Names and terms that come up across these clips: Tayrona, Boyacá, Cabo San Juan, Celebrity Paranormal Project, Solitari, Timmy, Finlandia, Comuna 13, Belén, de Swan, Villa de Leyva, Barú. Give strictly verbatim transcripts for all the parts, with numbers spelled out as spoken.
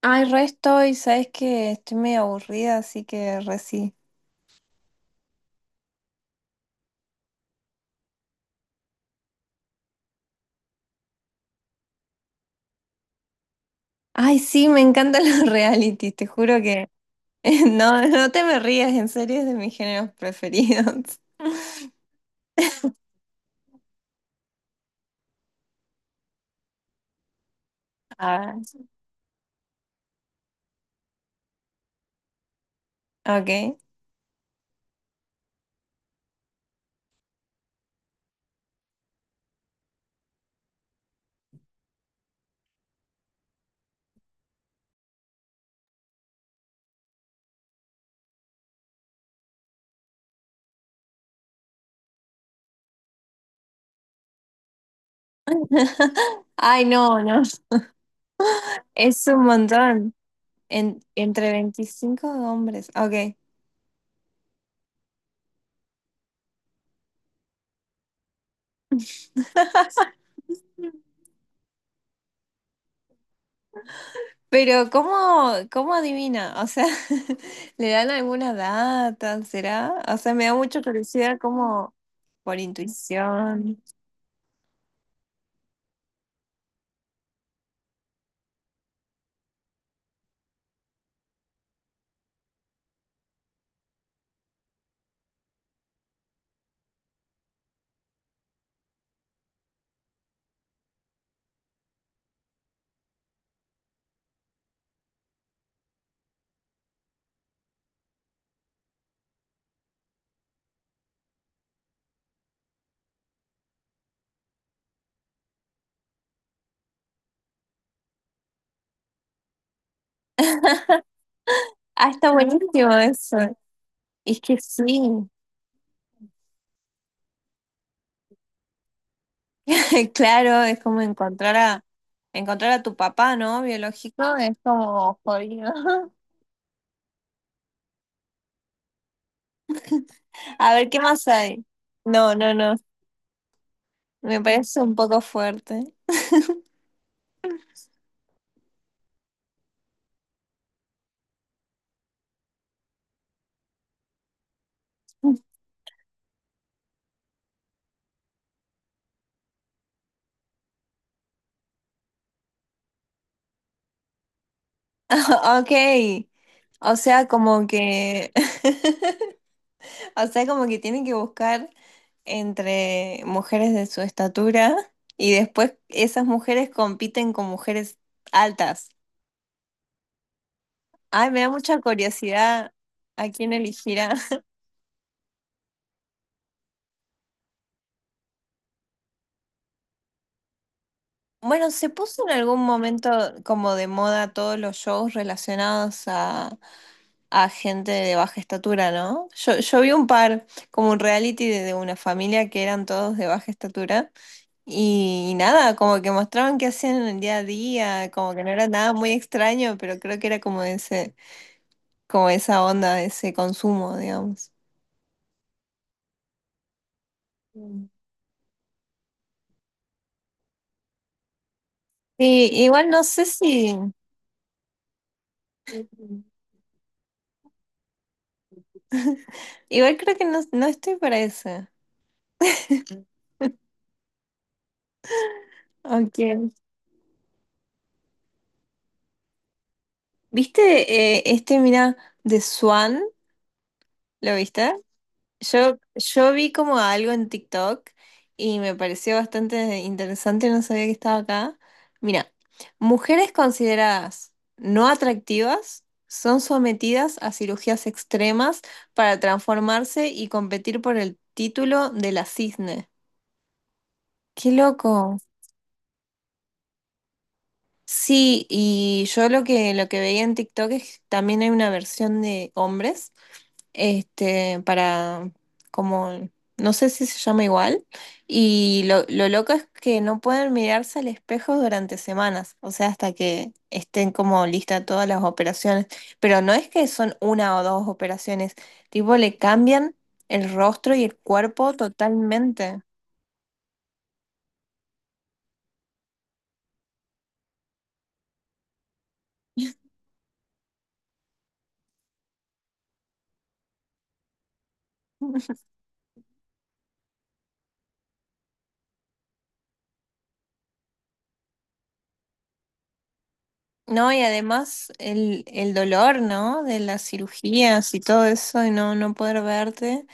Ay, re estoy, sabes que estoy medio aburrida, así que re sí. Ay, sí, me encantan los reality. Te juro que no, no te me rías, en serio es de mis géneros preferidos. Ah, ok. Ay, no, no, es un montón. En- entre veinticinco hombres, ok. Pero ¿cómo, cómo adivina? O sea, ¿le dan alguna data? ¿Será? O sea, me da mucha curiosidad como por intuición. Ah, está buenísimo eso. Es que sí. Claro, es como encontrar a encontrar a tu papá, ¿no? Biológico, es como jodido. A ver, ¿qué más hay? No, no, no. Me parece un poco fuerte. Ok. O sea, como que. O sea, como que tienen que buscar entre mujeres de su estatura y después esas mujeres compiten con mujeres altas. Ay, me da mucha curiosidad a quién elegirá. Bueno, se puso en algún momento como de moda todos los shows relacionados a, a gente de baja estatura, ¿no? Yo, yo vi un par, como un reality de, de una familia que eran todos de baja estatura y, nada, como que mostraban qué hacían en el día a día, como que no era nada muy extraño, pero creo que era como ese como esa onda, ese consumo, digamos. Mm. Sí, igual no sé si, igual creo que no, no estoy para eso. Aunque, ¿viste eh, este, mira, de Swan? ¿Lo viste? Yo, yo vi como algo en TikTok y me pareció bastante interesante, no sabía que estaba acá. Mira, mujeres consideradas no atractivas son sometidas a cirugías extremas para transformarse y competir por el título de la cisne. ¡Qué loco! Sí, y yo lo que, lo que veía en TikTok es que también hay una versión de hombres. Este, para como, no sé si se llama igual, y lo, lo loco es que no pueden mirarse al espejo durante semanas, o sea, hasta que estén como listas todas las operaciones, pero no es que son una o dos operaciones, tipo le cambian el rostro y el cuerpo totalmente. No, y además el, el dolor, ¿no? De las cirugías y todo eso, y no, no poder verte.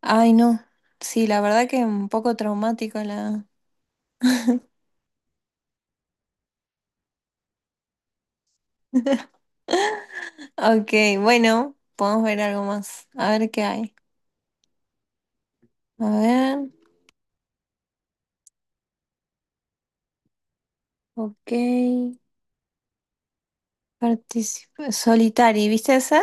Ay, no. Sí, la verdad que un poco traumático la. Ok, bueno, podemos ver algo más. A ver qué hay. A ver, ok. Participa Solitari, ¿viste esa?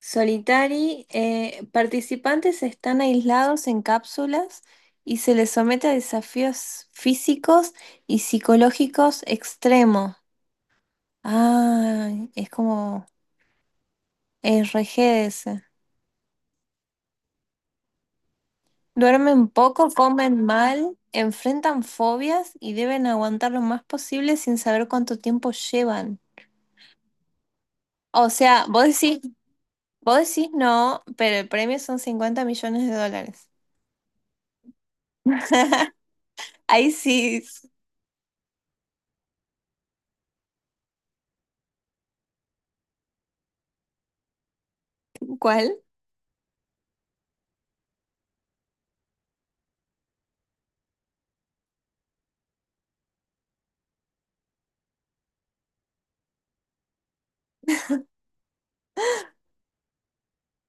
Solitari, eh, participantes están aislados en cápsulas y se les somete a desafíos físicos y psicológicos extremos. Ah, es como R G. Duermen poco, comen mal, enfrentan fobias y deben aguantar lo más posible sin saber cuánto tiempo llevan. O sea, vos decís, vos decís no, pero el premio son cincuenta millones de dólares. Ahí sí, ¿cuál?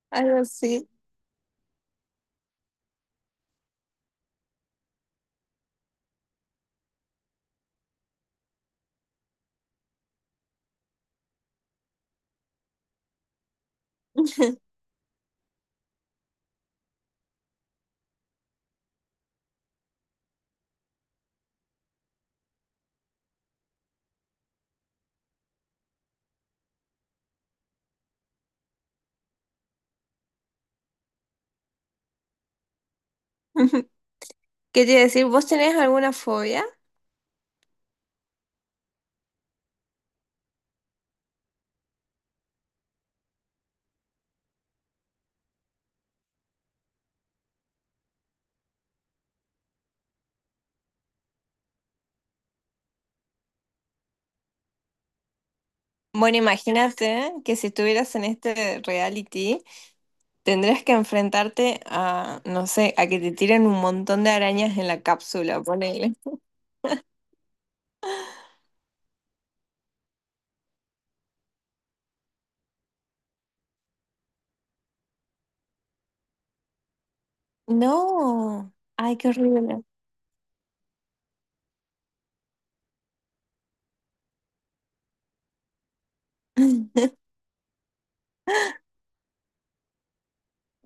Algo así. ¿Qué te iba a decir? ¿Vos tenés alguna fobia? Bueno, imagínate que si estuvieras en este reality, tendrías que enfrentarte a, no sé, a que te tiren un montón de arañas en la cápsula, ponele. No, ay, qué horrible.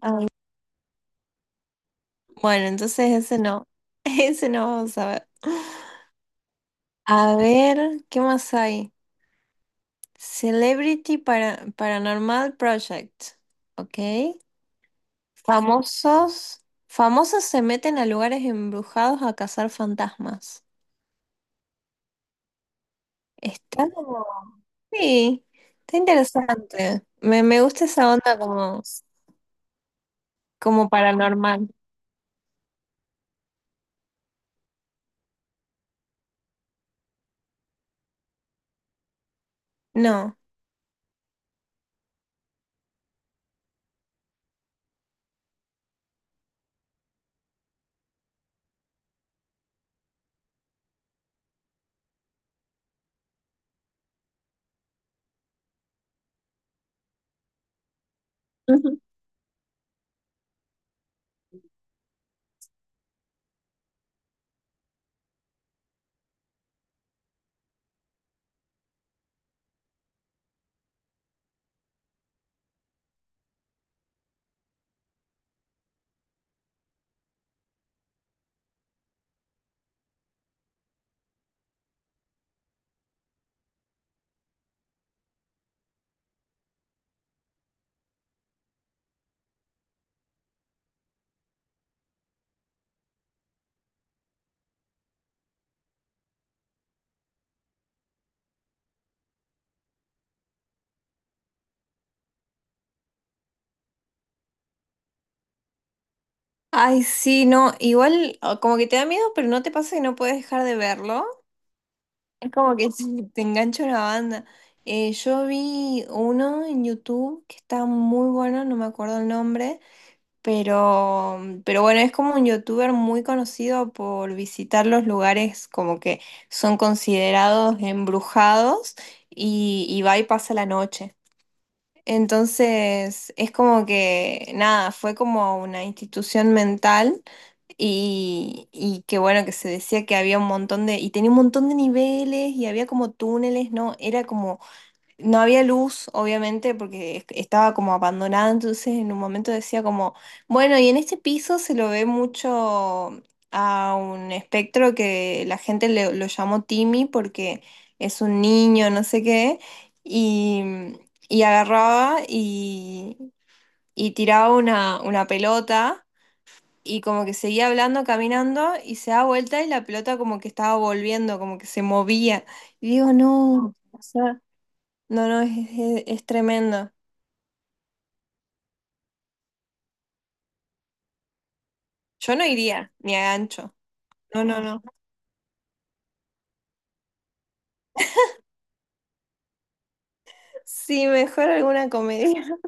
Ay, bueno, entonces ese no, ese no vamos a ver. A ver, ¿qué más hay? Celebrity para, Paranormal Project, ¿ok? Famosos, famosos se meten a lugares embrujados a cazar fantasmas. Está como, sí, está interesante. Me, me gusta esa onda como, como paranormal. No. Ay, sí, no, igual o como que te da miedo, pero no te pasa que no puedes dejar de verlo. Es como que te, te engancha una banda. Eh, yo vi uno en YouTube que está muy bueno, no me acuerdo el nombre, pero, pero bueno, es como un youtuber muy conocido por visitar los lugares como que son considerados embrujados y, y va y pasa la noche. Entonces, es como que, nada, fue como una institución mental y, y qué bueno que se decía que había un montón de, y tenía un montón de niveles y había como túneles, ¿no? Era como, no había luz, obviamente, porque es- estaba como abandonada, entonces en un momento decía como, bueno, y en este piso se lo ve mucho a un espectro que la gente le- lo llamó Timmy porque es un niño, no sé qué, y, y agarraba y, y tiraba una, una pelota y como que seguía hablando, caminando, y se da vuelta y la pelota como que estaba volviendo, como que se movía. Y digo, no, o sea, no, no, es, es- es tremendo. Yo no iría, ni a gancho. No, no, no. Sí, mejor alguna comedia.